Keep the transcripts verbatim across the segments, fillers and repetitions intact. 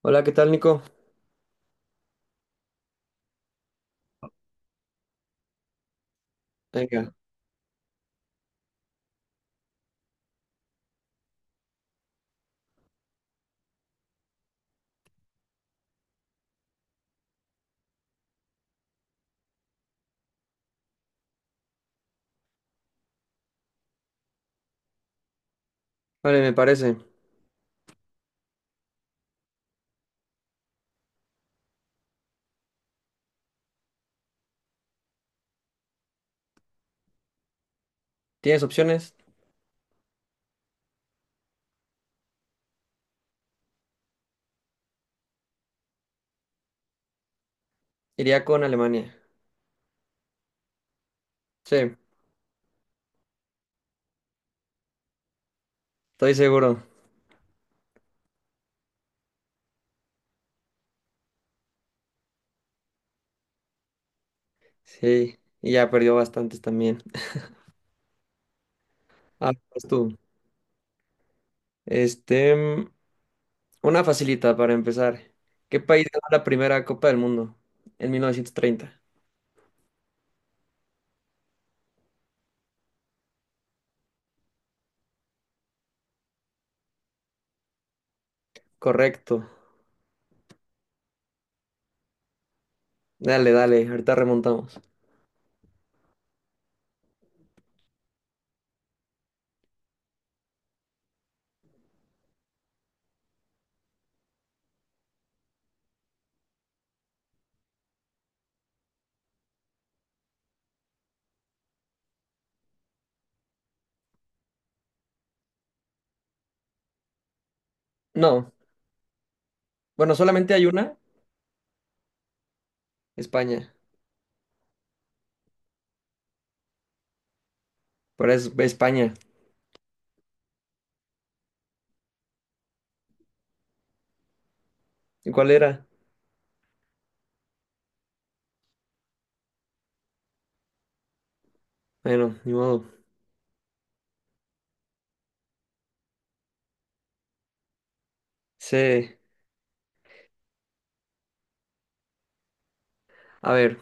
Hola, ¿qué tal, Nico? Venga. Vale, me parece. ¿Tienes opciones? Iría con Alemania. Sí, estoy seguro. Sí, y ya perdió bastantes también. Ah, pues tú. Este, mm, una facilita para empezar. ¿Qué país ganó la primera Copa del Mundo? ¿En mil novecientos treinta? Correcto. Dale, dale, ahorita remontamos. No, bueno, solamente hay una. España. Pero es España. ¿Y cuál era? Bueno, ni modo. Sí. A ver,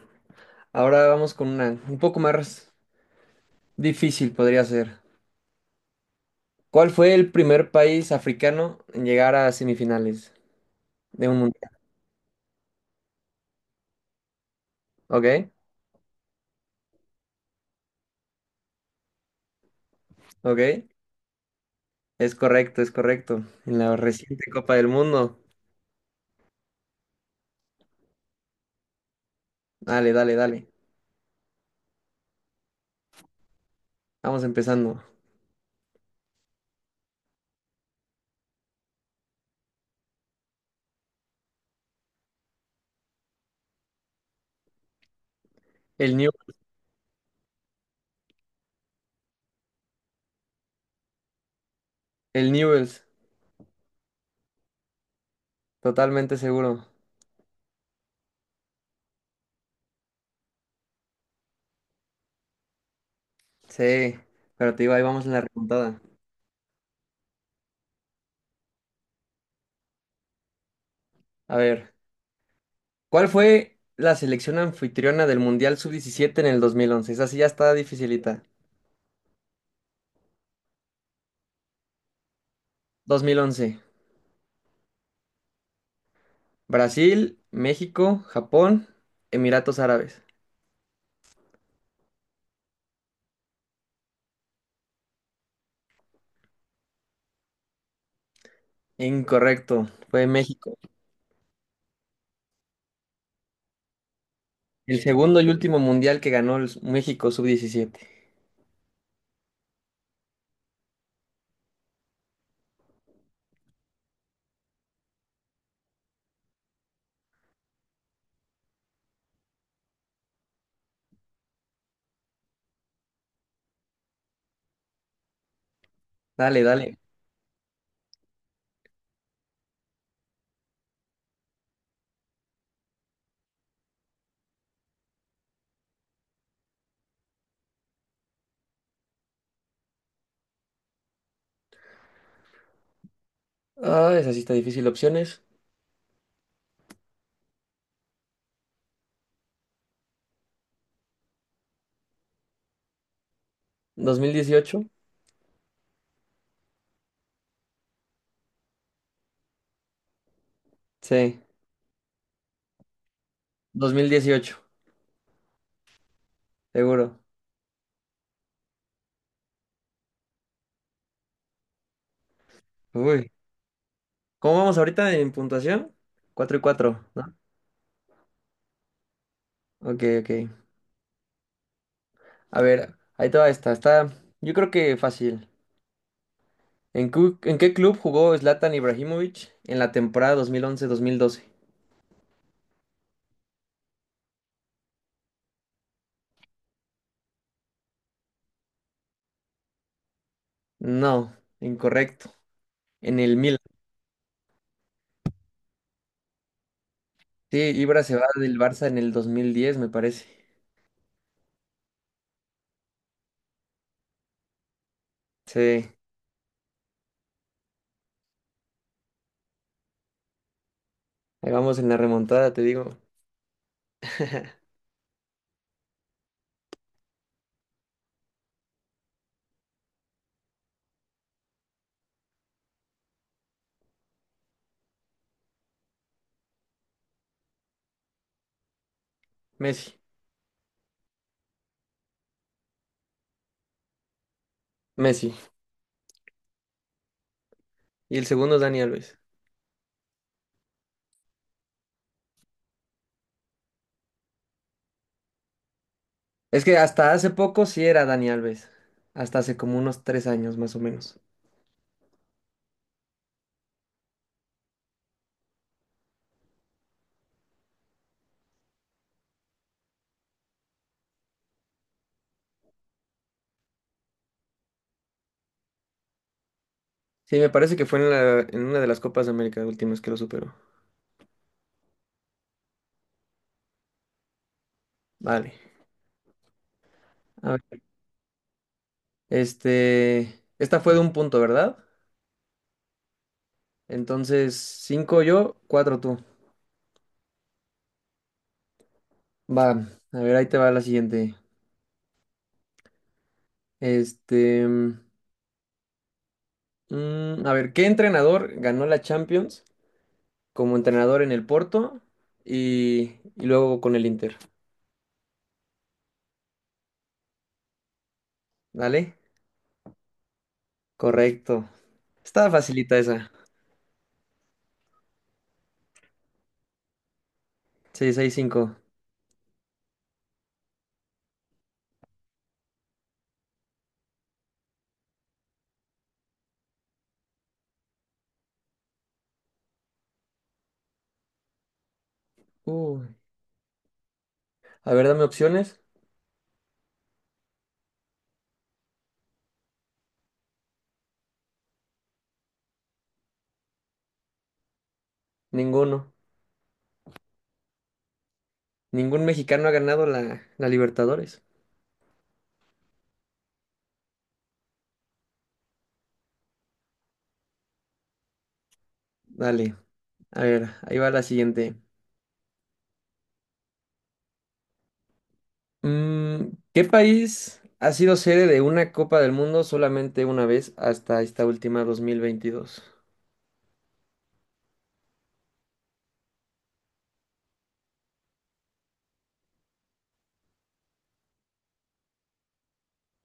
ahora vamos con una un poco más difícil podría ser. ¿Cuál fue el primer país africano en llegar a semifinales de un mundial? Ok, ok. Es correcto, es correcto. En la reciente Copa del Mundo. Dale, dale, dale. Vamos empezando. El New, el Newell's, totalmente seguro. Sí, pero te digo, ahí vamos en la remontada. A ver, ¿cuál fue la selección anfitriona del Mundial sub diecisiete en el dos mil once? Esa sí ya está dificilita. Dos mil once. Brasil, México, Japón, Emiratos Árabes. Incorrecto, fue México. El segundo y último mundial que ganó el México sub diecisiete. Dale, dale. Ah, esa sí está difícil. Opciones. ¿dos mil dieciocho? Sí, dos mil dieciocho, seguro. Uy. ¿Cómo vamos ahorita en puntuación? ¿Cuatro y cuatro, no? Ok, ok. A ver, ahí te va esta. Está, yo creo que fácil. ¿En, cu- En qué club jugó Zlatan Ibrahimovic en la temporada dos mil once-dos mil doce? No, incorrecto. En el Milan. Sí, Ibra se va del Barça en el dos mil diez, me parece. Sí, ahí vamos en la remontada, te digo. Messi. Messi. Y el segundo es Dani Alves. Es que hasta hace poco sí era Dani Alves. Hasta hace como unos tres años más o menos. Sí, me parece que fue en la, en una de las Copas de América últimas que lo superó. Vale. A ver. Este. Esta fue de un punto, ¿verdad? Entonces, cinco yo, cuatro tú. Va, a ver, ahí te va la siguiente. Este. Mm, a ver, ¿qué entrenador ganó la Champions como entrenador en el Porto y, y luego con el Inter? ¿Dale? Correcto. Estaba facilita esa. Sí, Seis 6 cinco. Uy. A ver, dame opciones. Ninguno. Ningún mexicano ha ganado la, la Libertadores. Dale. A ver, ahí va la siguiente. Mm, ¿qué país ha sido sede de una Copa del Mundo solamente una vez hasta esta última dos mil veintidós?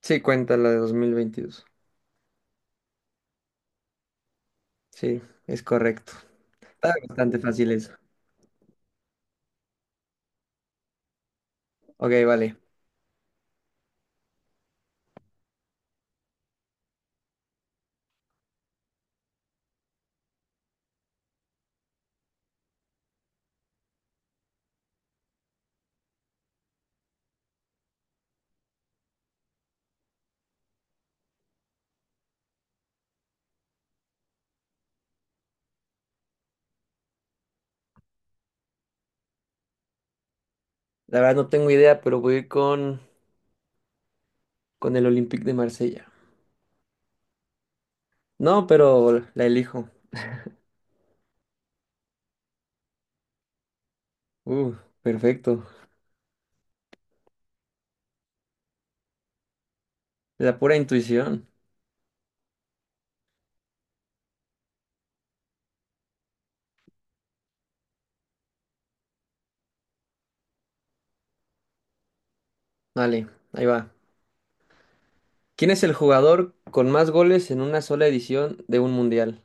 Sí, cuenta la de dos mil veintidós. Sí, es correcto. Está bastante fácil eso. Ok, vale. La verdad no tengo idea, pero voy a ir con, con el Olympique de Marsella. No, pero la elijo. Uh, perfecto. La pura intuición. Vale, ahí va. ¿Quién es el jugador con más goles en una sola edición de un mundial?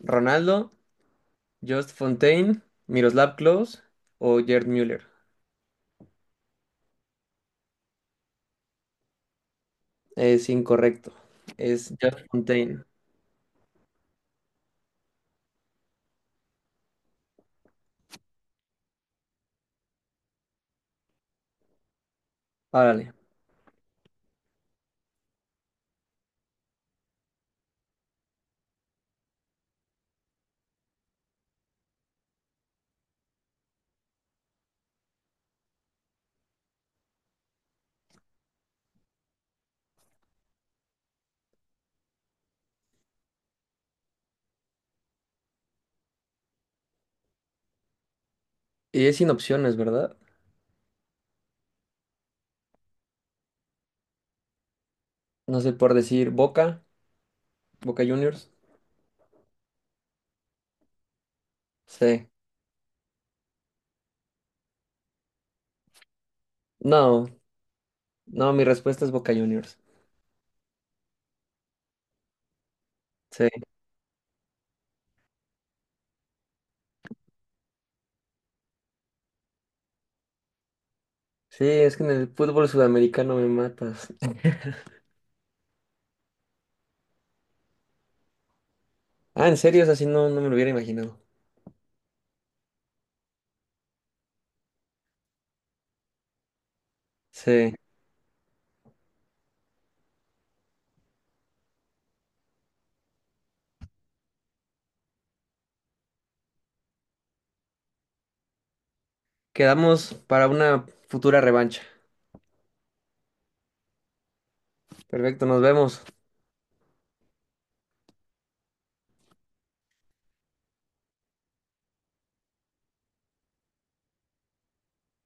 ¿Ronaldo, Just Fontaine, Miroslav Klose o Gerd Müller? Es incorrecto. Es Just Fontaine. Árale. ¿Y es sin opciones, verdad? No sé, por decir Boca, Boca Juniors. Sí. No, no, mi respuesta es Boca Juniors. Sí, sí, es que en el fútbol sudamericano me matas. Ah, ¿en serio, es así? No, no me lo hubiera imaginado. Sí, quedamos para una futura revancha. Perfecto, nos vemos.